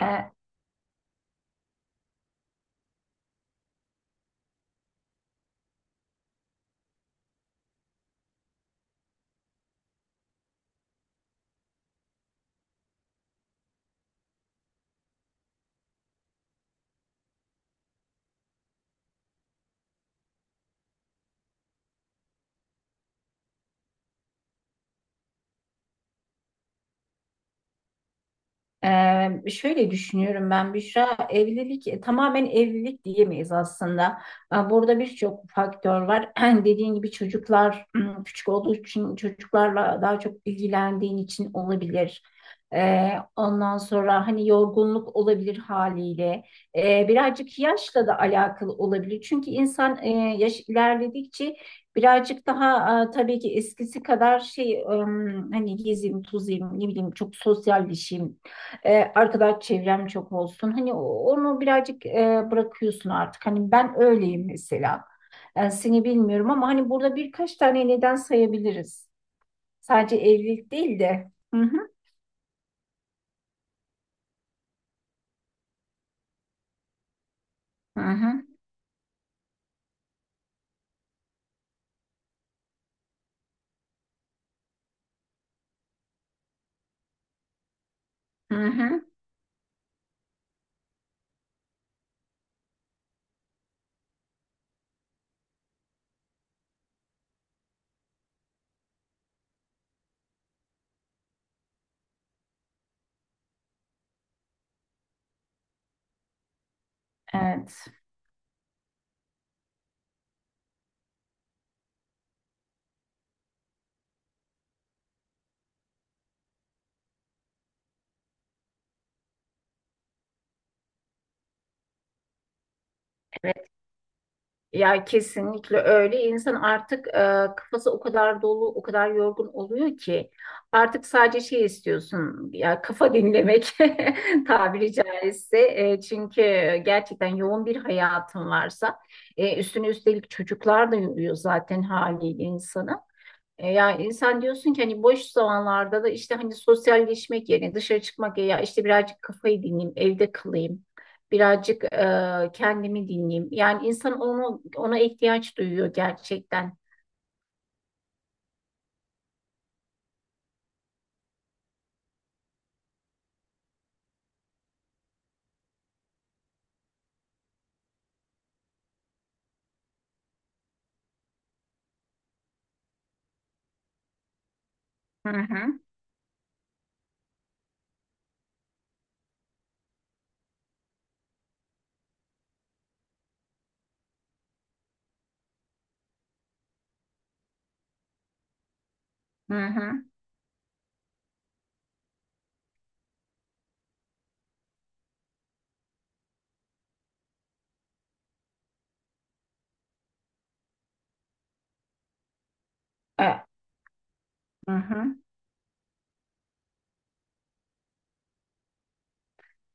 E, şöyle düşünüyorum ben Büşra, evlilik tamamen evlilik diyemeyiz aslında. Burada birçok faktör var. Dediğin gibi çocuklar küçük olduğu için çocuklarla daha çok ilgilendiğin için olabilir. Ee, ondan sonra hani yorgunluk olabilir haliyle. Birazcık yaşla da alakalı olabilir. Çünkü insan yaş ilerledikçe birazcık daha tabii ki eskisi kadar şey hani gezeyim, tozayım, ne bileyim çok sosyalleşeyim arkadaş çevrem çok olsun. Hani onu birazcık bırakıyorsun artık. Hani ben öyleyim mesela. Seni bilmiyorum ama hani burada birkaç tane neden sayabiliriz. Sadece evlilik değil de. Hı hı. Hı hı. Hı hı. Evet. Ya kesinlikle öyle. İnsan artık kafası o kadar dolu, o kadar yorgun oluyor ki artık sadece şey istiyorsun. Ya kafa dinlemek tabiri caizse. Çünkü gerçekten yoğun bir hayatın varsa üstüne üstelik çocuklar da yoruyor zaten haliyle insanı. Yani sen diyorsun ki hani boş zamanlarda da işte hani sosyalleşmek yerine dışarı çıkmak ya işte birazcık kafayı dinleyeyim, evde kalayım, birazcık kendimi dinleyeyim. Yani insan onu ona ihtiyaç duyuyor gerçekten. Hı hı, hı hı, e, hı hı.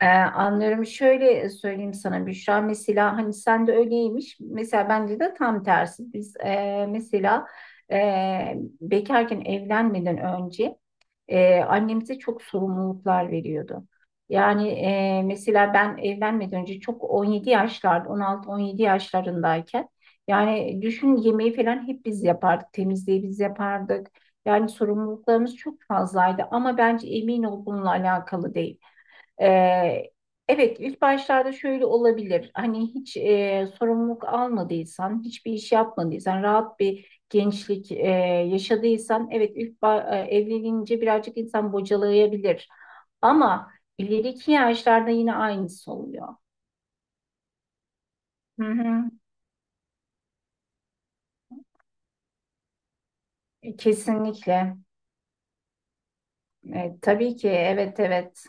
Anlıyorum. Şöyle söyleyeyim sana Büşra. Mesela hani sen de öyleymiş. Mesela bence de tam tersi. Biz mesela e, bekarken evlenmeden önce annemize çok sorumluluklar veriyordu. Yani mesela ben evlenmeden önce çok 17 yaşlarda, 16-17 yaşlarındayken yani düşün yemeği falan hep biz yapardık. Temizliği biz yapardık. Yani sorumluluklarımız çok fazlaydı ama bence emin ol bununla alakalı değil. Ee, evet ilk başlarda şöyle olabilir. Hani hiç sorumluluk almadıysan, hiçbir iş yapmadıysan, rahat bir gençlik yaşadıysan, evet ilk evlenince birazcık insan bocalayabilir. Ama ileriki yaşlarda yine aynısı oluyor. Hı hı. Kesinlikle. Tabii ki evet evet.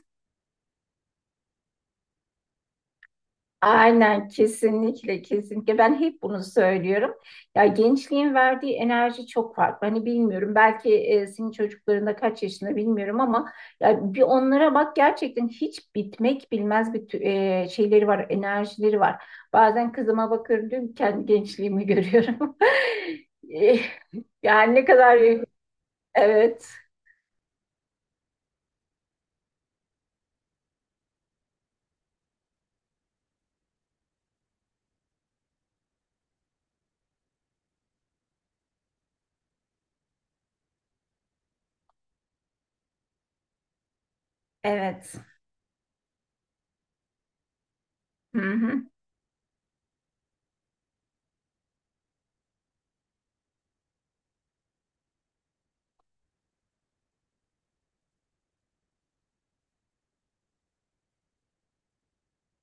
Aynen kesinlikle kesinlikle ben hep bunu söylüyorum. Ya gençliğin verdiği enerji çok farklı. Hani bilmiyorum belki senin çocuklarında kaç yaşında bilmiyorum ama ya bir onlara bak gerçekten hiç bitmek bilmez bir şeyleri var, enerjileri var. Bazen kızıma bakıyorum diyorum ki, kendi gençliğimi görüyorum. Eh, Yani ne kadar evet evet. Hı hı,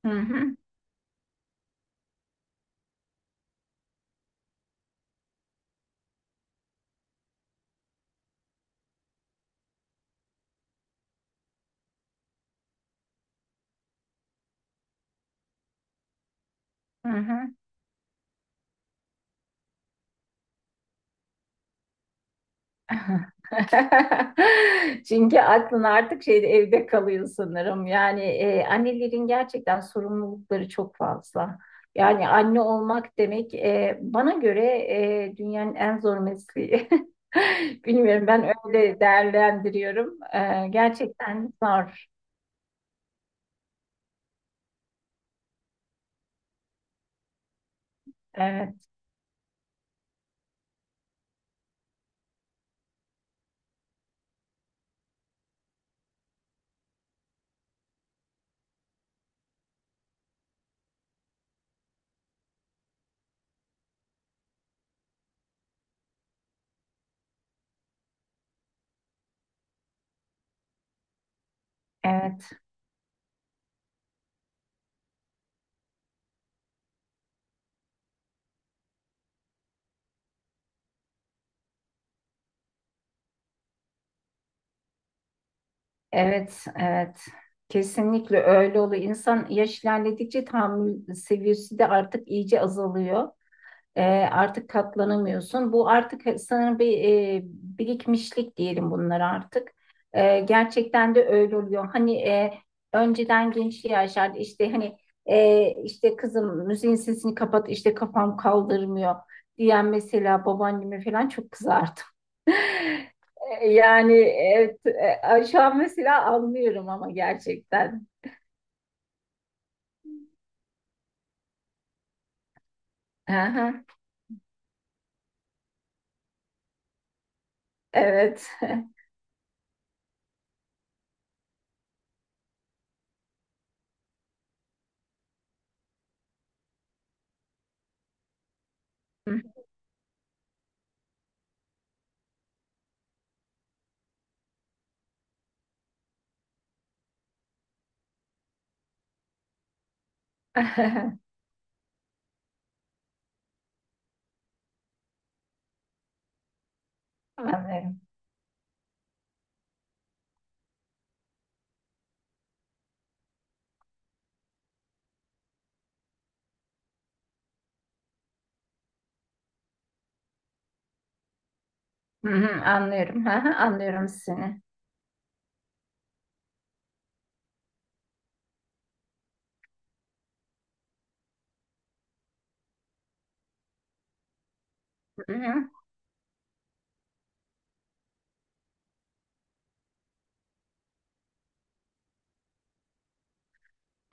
hı hı. Hı hı. Çünkü aklın artık şeyde evde kalıyor sanırım. Yani annelerin gerçekten sorumlulukları çok fazla. Yani anne olmak demek bana göre dünyanın en zor mesleği. Bilmiyorum ben öyle değerlendiriyorum. Gerçekten zor. Evet, evet, evet, evet. Kesinlikle öyle oluyor. İnsan yaş ilerledikçe tahammül seviyesi de artık iyice azalıyor. E, artık katlanamıyorsun. Bu artık sanırım bir birikmişlik diyelim bunlar artık. Gerçekten de öyle oluyor. Hani önceden gençliği aşardı işte hani işte kızım müziğin sesini kapat işte kafam kaldırmıyor diyen mesela babaanneme falan çok kızardım. Yani evet, şu an mesela anlıyorum ama gerçekten. Aha, evet. Anlıyorum. Hı hı, anlıyorum. Hı hı, anlıyorum seni. Hı hı.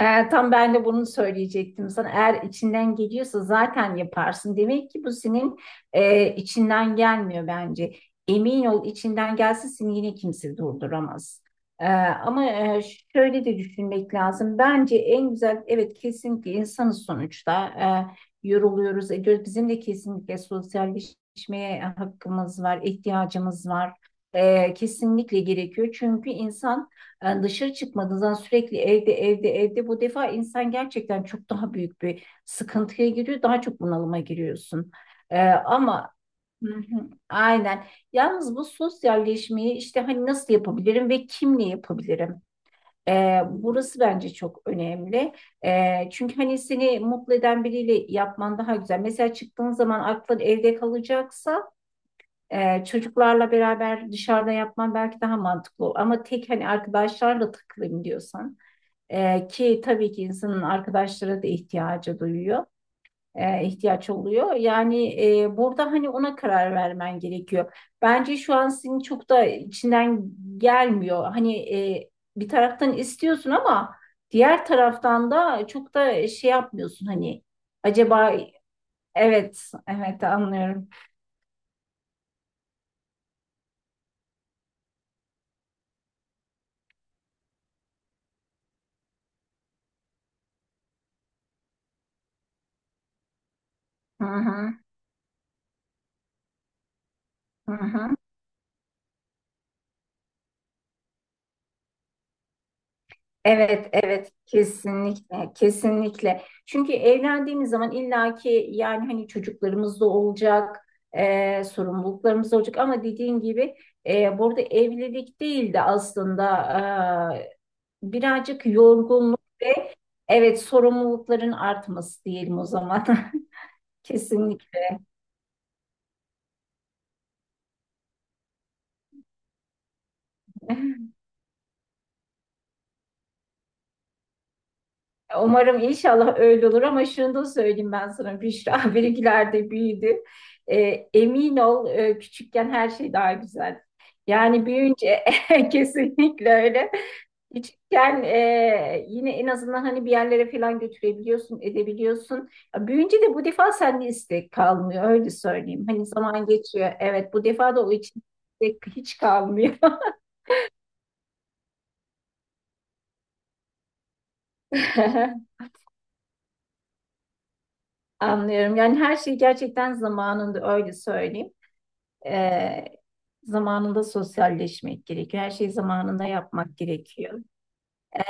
Tam ben de bunu söyleyecektim sana. Eğer içinden geliyorsa zaten yaparsın. Demek ki bu senin içinden gelmiyor bence. Emin ol içinden gelse seni yine kimse durduramaz. Ee, ama şöyle de düşünmek lazım. Bence en güzel, evet kesinlikle insanız sonuçta. Yoruluyoruz, ediyoruz. Bizim de kesinlikle sosyalleşmeye hakkımız var, ihtiyacımız var. Kesinlikle gerekiyor. Çünkü insan yani dışarı çıkmadığınız zaman sürekli evde evde evde bu defa insan gerçekten çok daha büyük bir sıkıntıya giriyor. Daha çok bunalıma giriyorsun. Ama. Hı hı, aynen. Yalnız bu sosyalleşmeyi işte hani nasıl yapabilirim ve kimle yapabilirim? Burası bence çok önemli. Çünkü hani seni mutlu eden biriyle yapman daha güzel. Mesela çıktığın zaman aklın evde kalacaksa çocuklarla beraber dışarıda yapman belki daha mantıklı olur. Ama tek hani arkadaşlarla takılayım diyorsan ki tabii ki insanın arkadaşlara da ihtiyacı duyuyor. E, ihtiyaç oluyor. Yani burada hani ona karar vermen gerekiyor. Bence şu an senin çok da içinden gelmiyor. Hani bir taraftan istiyorsun ama diğer taraftan da çok da şey yapmıyorsun hani acaba, evet, evet, anlıyorum. Hı hı, hı hı. Evet, evet, kesinlikle, kesinlikle. Çünkü evlendiğimiz zaman illaki yani hani çocuklarımız da olacak, sorumluluklarımız da olacak ama dediğin gibi burada evlilik değil de aslında birazcık yorgunluk ve evet sorumlulukların artması diyelim o zaman. Kesinlikle. Umarım inşallah öyle olur ama şunu da söyleyeyim ben sana Büşra benimkiler de büyüdü. Emin ol küçükken her şey daha güzel. Yani büyüyünce kesinlikle öyle. Küçükken yine en azından hani bir yerlere falan götürebiliyorsun, edebiliyorsun. Ya büyüyünce de bu defa sende istek kalmıyor öyle söyleyeyim. Hani zaman geçiyor. Evet bu defa da o için istek hiç kalmıyor. Anlıyorum. Yani her şey gerçekten zamanında öyle söyleyeyim. Ee, zamanında sosyalleşmek gerekiyor. Her şeyi zamanında yapmak gerekiyor. E,